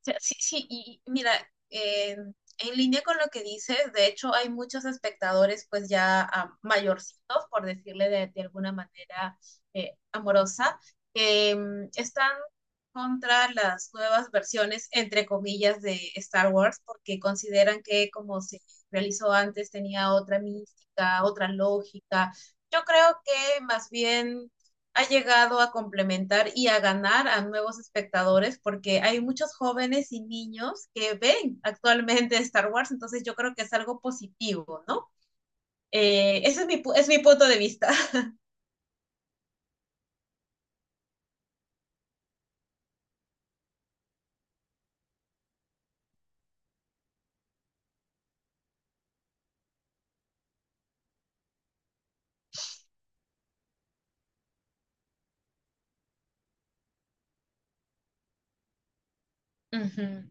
Sí, sí, y mira, eh, en línea con lo que dices, de hecho hay muchos espectadores pues ya mayorcitos, por decirle de alguna manera amorosa, que están contra las nuevas versiones, entre comillas, de Star Wars, porque consideran que como se realizó antes tenía otra mística, otra lógica. Yo creo que más bien ha llegado a complementar y a ganar a nuevos espectadores porque hay muchos jóvenes y niños que ven actualmente Star Wars, entonces yo creo que es algo positivo, ¿no? Ese es mi punto de vista. Uh -huh.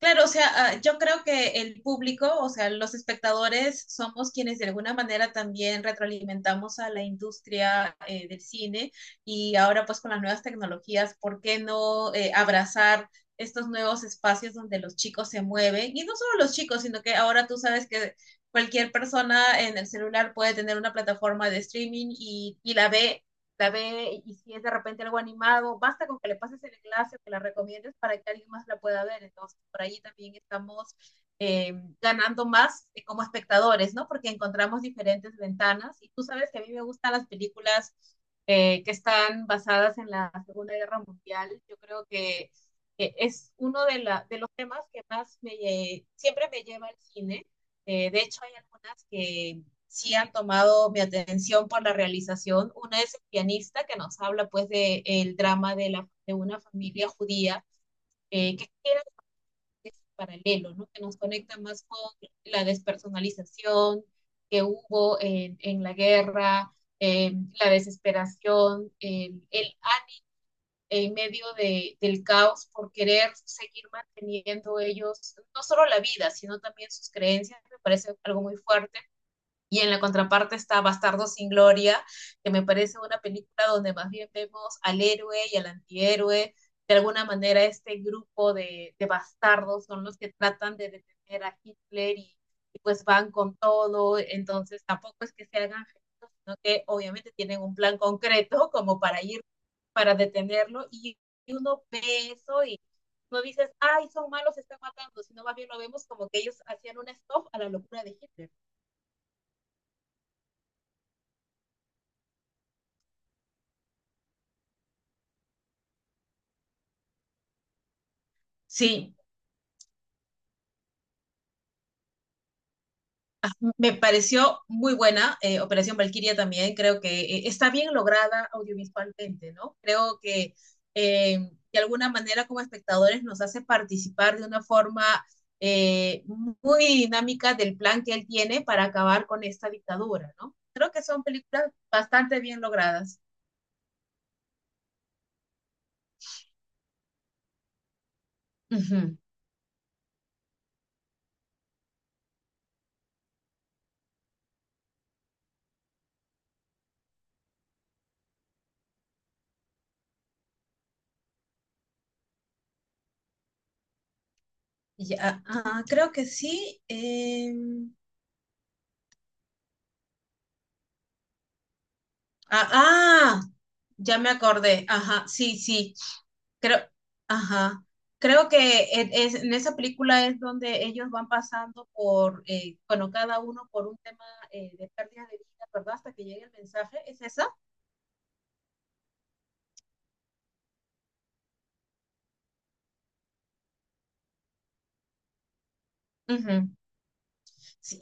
Claro, o sea, yo creo que el público, o sea, los espectadores somos quienes de alguna manera también retroalimentamos a la industria del cine y ahora pues con las nuevas tecnologías, ¿por qué no abrazar estos nuevos espacios donde los chicos se mueven? Y no solo los chicos, sino que ahora tú sabes que cualquier persona en el celular puede tener una plataforma de streaming y la ve la ve, y si es de repente algo animado, basta con que le pases el enlace o que la recomiendes para que alguien más la pueda ver. Entonces, por ahí también estamos eh, ganando más como espectadores, ¿no? Porque encontramos diferentes ventanas y tú sabes que a mí me gustan las películas que están basadas en la Segunda Guerra Mundial. Yo creo que es uno de los temas que más siempre me lleva al cine. De hecho, hay algunas que sí han tomado mi atención por la realización. Una es el pianista que nos habla pues de el drama de una familia judía que era paralelo, ¿no? Que nos conecta más con la despersonalización que hubo en la guerra, eh, la desesperación, el en medio del caos por querer seguir manteniendo ellos no solo la vida, sino también sus creencias, me parece algo muy fuerte. Y en la contraparte está Bastardo sin Gloria, que me parece una película donde más bien vemos al héroe y al antihéroe. De alguna manera, este grupo de bastardos son los que tratan de detener a Hitler y, pues van con todo. Entonces, tampoco es que se hagan gestos, sino que obviamente tienen un plan concreto como para ir, para detenerlo. Y uno ve eso y no dices, ay, son malos, se están matando, sino más bien lo vemos como que ellos hacían un stop a la locura de Hitler. Sí, me pareció muy buena Operación Valkyria también, creo que está bien lograda audiovisualmente, ¿no? Creo que eh, de alguna manera como espectadores nos hace participar de una forma eh, muy dinámica del plan que él tiene para acabar con esta dictadura, ¿no? Creo que son películas bastante bien logradas. Uh -huh. Ya, creo que sí. Ah, ah, ya me acordé. Ajá, sí, sí. Creo, ajá. Creo que en esa película es donde ellos van pasando por, bueno, cada uno por un tema de pérdida de vida, ¿verdad? Hasta que llegue el mensaje, ¿es esa? Ujú. Sí,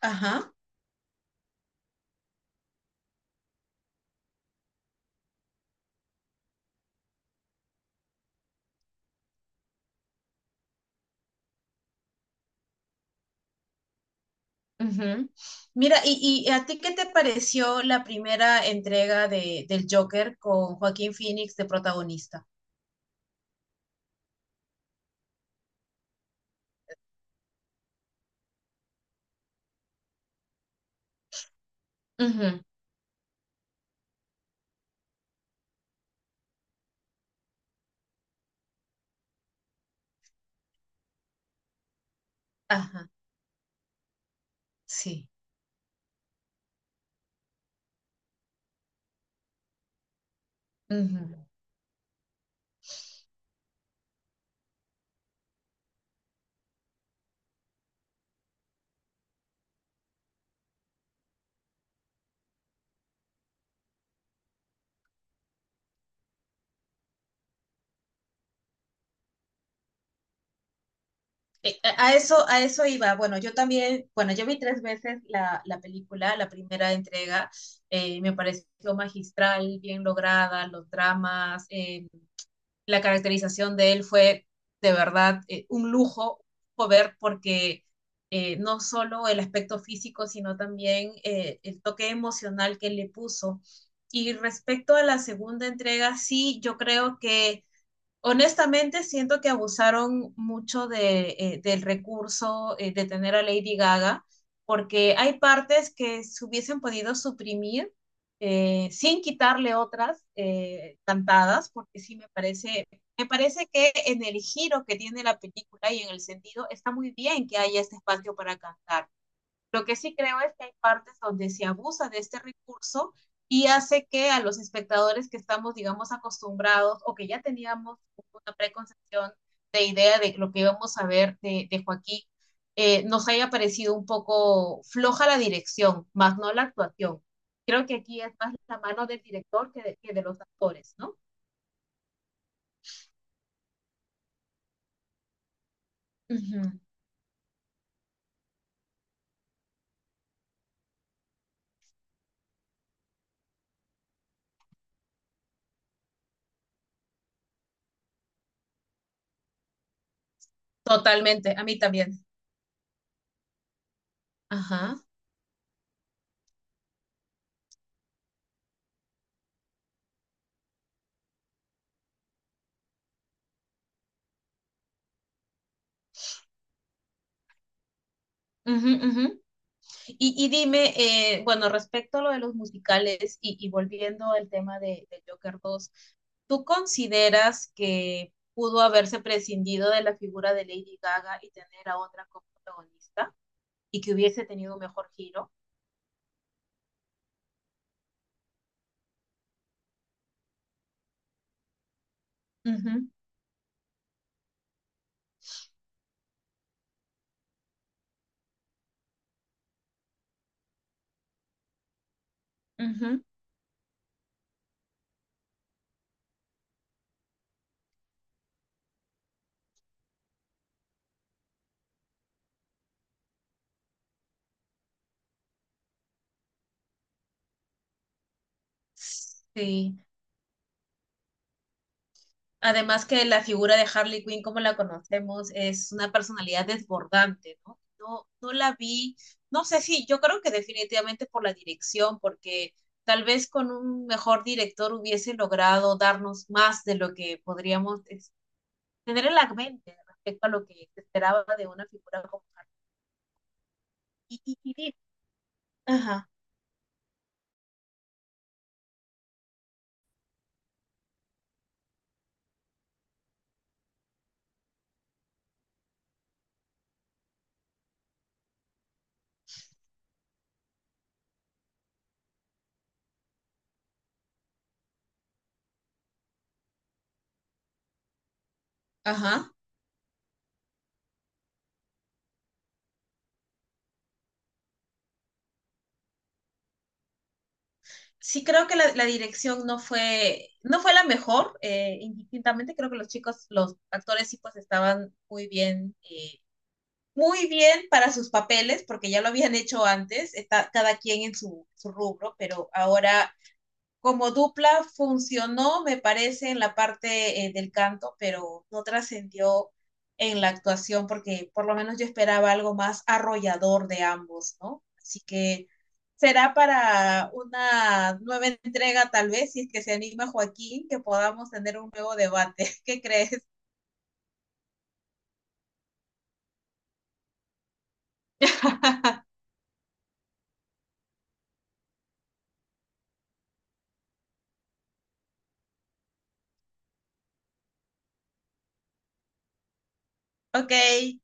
ajá. Ujú. Mira, ¿y a ti qué te pareció la primera entrega del Joker con Joaquín Phoenix de protagonista? Ujú. Ajá, sí. A eso, a eso iba. Bueno, yo también, bueno, yo vi tres veces la película, la primera entrega, me pareció magistral, bien lograda, los dramas, la caracterización de él fue de verdad un lujo ver porque no solo el aspecto físico, sino también el toque emocional que le puso. Y respecto a la segunda entrega, sí, yo creo que honestamente, siento que abusaron mucho del recurso de tener a Lady Gaga, porque hay partes que se hubiesen podido suprimir sin quitarle otras cantadas, porque sí me parece que en el giro que tiene la película y en el sentido está muy bien que haya este espacio para cantar. Lo que sí creo es que hay partes donde se abusa de este recurso y hace que a los espectadores que estamos, digamos, acostumbrados o que ya teníamos una preconcepción de idea de lo que íbamos a ver de Joaquín, nos haya parecido un poco floja la dirección, más no la actuación. Creo que aquí es más la mano del director que de los actores, ¿no? Ujú. Totalmente, a mí también. Ajá. Ujú, ujú. Y dime, bueno, respecto a lo de los musicales y volviendo al tema de Joker 2, ¿tú consideras que pudo haberse prescindido de la figura de Lady Gaga y tener a otra como protagonista y que hubiese tenido un mejor giro? Ujú, ujú. Sí. Además que la figura de Harley Quinn, como la conocemos, es una personalidad desbordante, ¿no? No, no la vi, no sé si, yo creo que definitivamente por la dirección, porque tal vez con un mejor director hubiese logrado darnos más de lo que tener en la mente respecto a lo que se esperaba de una figura como Harley Quinn. Ajá, ajá. Sí creo que la dirección no fue la mejor, indistintamente creo que los chicos, los actores sí pues estaban muy bien para sus papeles, porque ya lo habían hecho antes, está cada quien en su rubro, pero ahora como dupla funcionó, me parece, en la parte del canto, pero no trascendió en la actuación porque por lo menos yo esperaba algo más arrollador de ambos, ¿no? Así que será para una nueva entrega tal vez, si es que se anima Joaquín, que podamos tener un nuevo debate. ¿Qué crees? Ok,